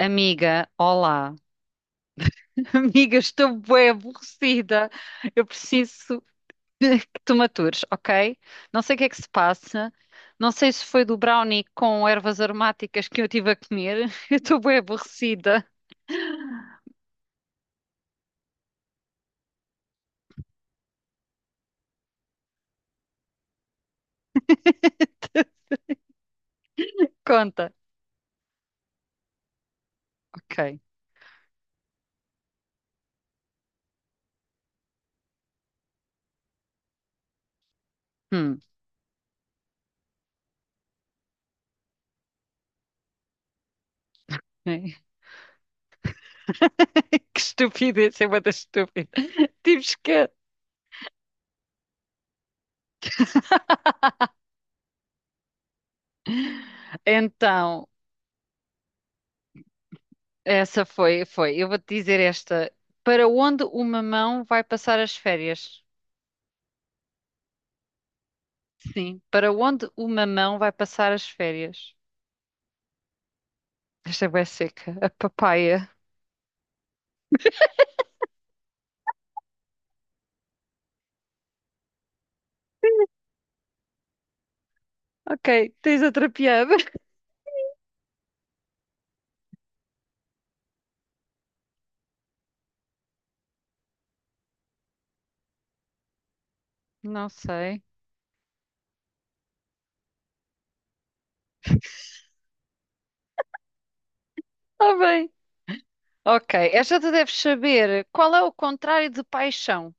Amiga, olá. Amiga, estou bué aborrecida. Eu preciso que tu me atures, ok? Não sei o que é que se passa. Não sei se foi do brownie com ervas aromáticas que eu tive a comer. Eu estou bué aborrecida. Conta. Ok. Hum. Que estupidez, é uma das estúpidas. Tive que... Então, essa foi, foi. Eu vou-te dizer esta. Para onde uma mão vai passar as férias? Sim. Para onde o mamão vai passar as férias? Esta é bué seca. A papaya. Ok, tens outra piada? Não sei. Está bem. Ok, esta tu deves saber. Qual é o contrário de paixão?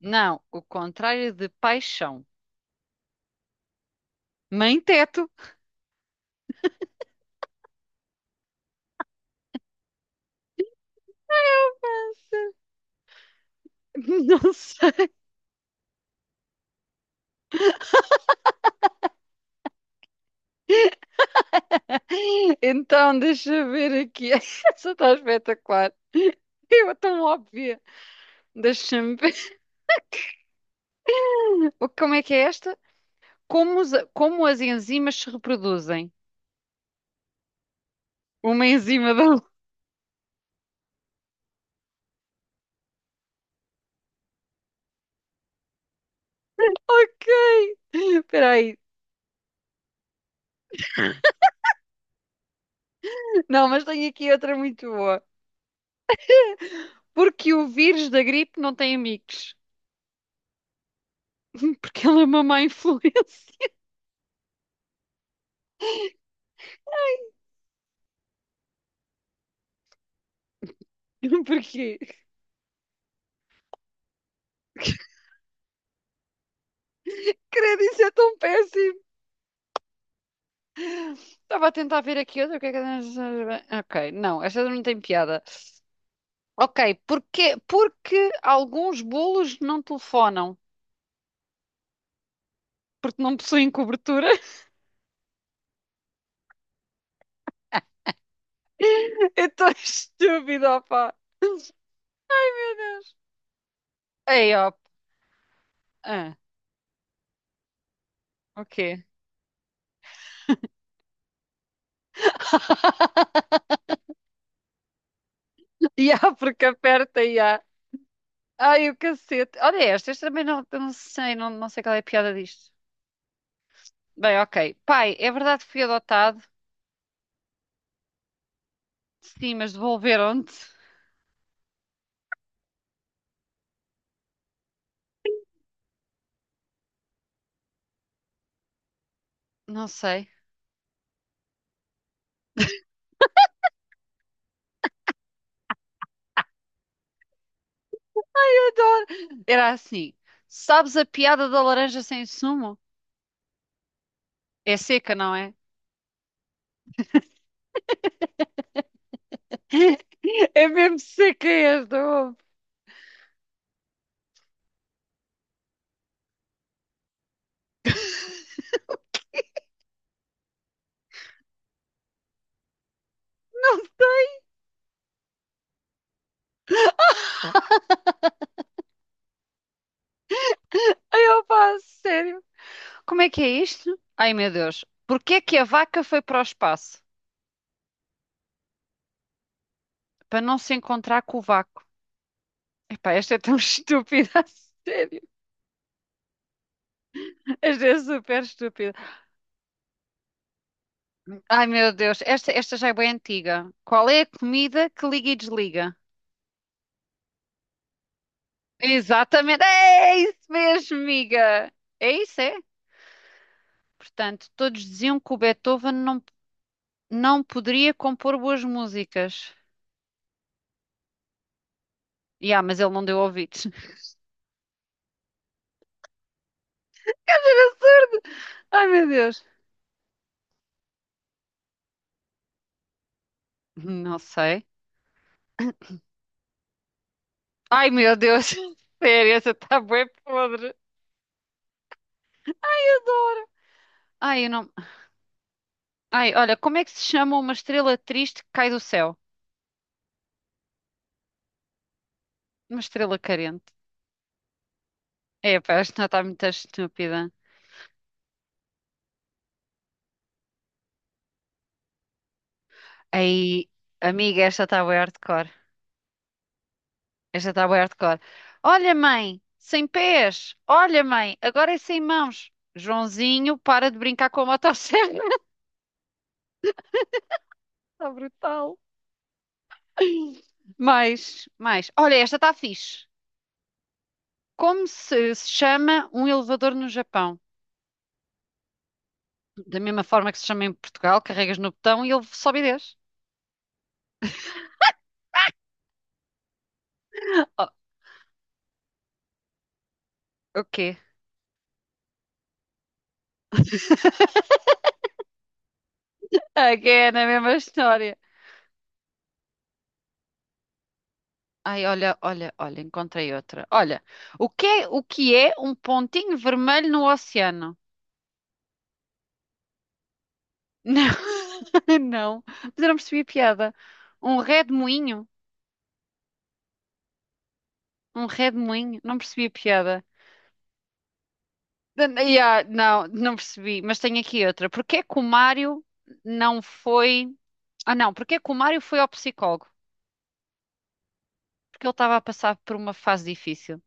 Não, o contrário de paixão. Mãe teto. Não sei. Então, deixa eu ver aqui. Essa está espetacular. Eu tão óbvia. Deixa-me ver. Como é que é esta? Como, como as enzimas se reproduzem? Uma em cima da outra. Ok. Espera aí. Não, mas tenho aqui outra muito boa. Porque o vírus da gripe não tem amigos. Porque ele é uma má influência. Porquê? Credo, isso é tão péssimo. Estava a tentar ver aqui outra. O que é que- eu- Ok, não, esta não tem piada. Ok, porque alguns bolos não telefonam? Porque não possuem cobertura? É tão estúpido, opá. Ei, ó. Ah, o quê? E há, porque aperta e há. Ai, o cacete. Olha estas também não, não sei, não sei qual é a piada disto. Bem, ok. Pai, é verdade que fui adotado? Sim, mas devolveram-te? Não sei. Adoro. Era assim. Sabes a piada da laranja sem sumo? É seca, não é? É mesmo seca esta, ouve. Ai, opa, sério. Como é que é isto? Ai, meu Deus. Porquê é que a vaca foi para o espaço? Para não se encontrar com o vácuo. Epá, esta é tão estúpida, a sério. Esta é super estúpida. Ai, meu Deus, esta já é bem antiga. Qual é a comida que liga e desliga? Exatamente, é isso mesmo, amiga. É isso, é? Portanto, todos diziam que o Beethoven não poderia compor boas músicas. E mas ele não deu ouvidos. Ai, meu Deus. Não sei. Ai, meu Deus. Sério, essa está bem podre. Adoro. Ai, eu não... Ai, olha, como é que se chama uma estrela triste que cai do céu? Uma estrela carente. Epá, esta está muito estúpida. Aí, amiga, esta está bué hardcore. Esta está bué hardcore. Olha, mãe, sem pés. Olha, mãe, agora é sem mãos. Joãozinho, para de brincar com a motosserra. Está brutal. Mais, mais. Olha, esta está fixe. Como se chama um elevador no Japão? Da mesma forma que se chama em Portugal, carregas no botão e ele sobe e desce. Oh, o quê? Again, a mesma história. Ai, olha, olha, olha, encontrei outra. Olha, o que é um pontinho vermelho no oceano? Não, não, mas eu não percebi a piada. Um redemoinho? Um redemoinho? Não percebi a piada. Yeah, não, não percebi, mas tenho aqui outra. Porquê que o Mário não foi. Ah, não, porquê que o Mário foi ao psicólogo? Porque ele estava a passar por uma fase difícil.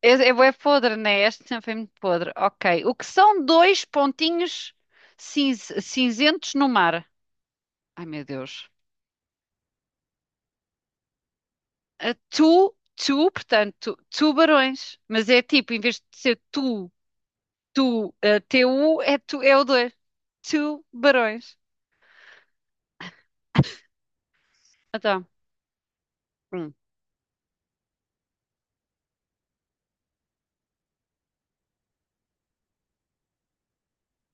É, é, é podre, né? Este sempre foi muito podre. Ok. O que são dois pontinhos cinzentos no mar? Ai, meu Deus. A tu, tu, portanto, tubarões. Mas é tipo, em vez de ser tu, tu, tu, é o dois. Tubarões. Então, hum.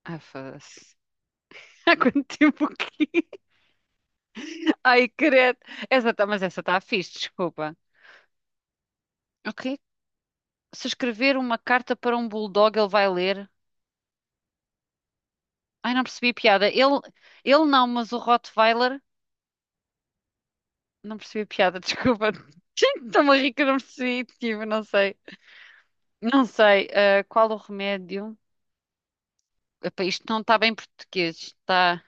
Ah, foda-se. Há quanto tempo que... Ai, credo. Essa tá, mas essa está fixe, desculpa. Ok. Se escrever uma carta para um bulldog, ele vai ler. Ai, não percebi a piada. Ele não, mas o Rottweiler. Não percebi a piada, desculpa. Estou-me a rir que eu não percebi. Tipo, não sei. Não sei. Ah, qual o remédio? Epá, isto não está bem português. Está.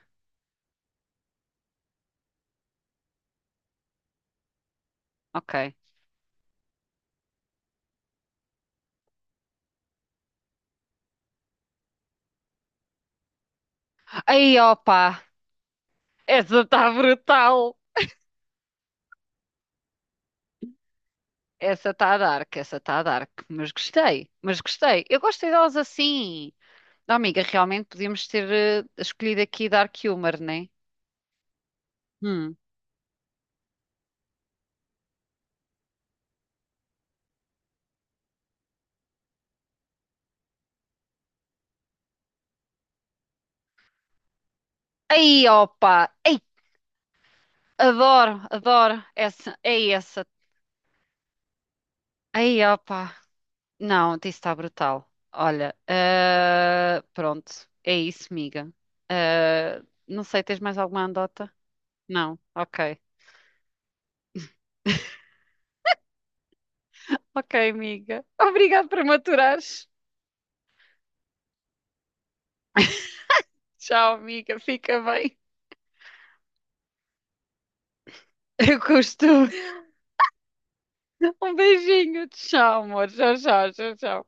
Ok. Aí, opa! Essa está brutal! Essa está dark, essa está dark. Mas gostei, mas gostei. Eu gosto delas assim. Não, amiga, realmente podíamos ter escolhido aqui Dark Humor, né? Hum. Aí, opa! Adoro, adoro. Essa, é essa. Aí, opa. Não, isso está brutal. Olha, ah, pronto. É isso, miga. Ah, não sei, tens mais alguma andota? Não? Ok. Ok, amiga. Obrigada por me aturares. Tchau, amiga. Fica bem. Eu costumo. Um beijinho. Tchau, amor. Tchau, tchau, tchau, tchau.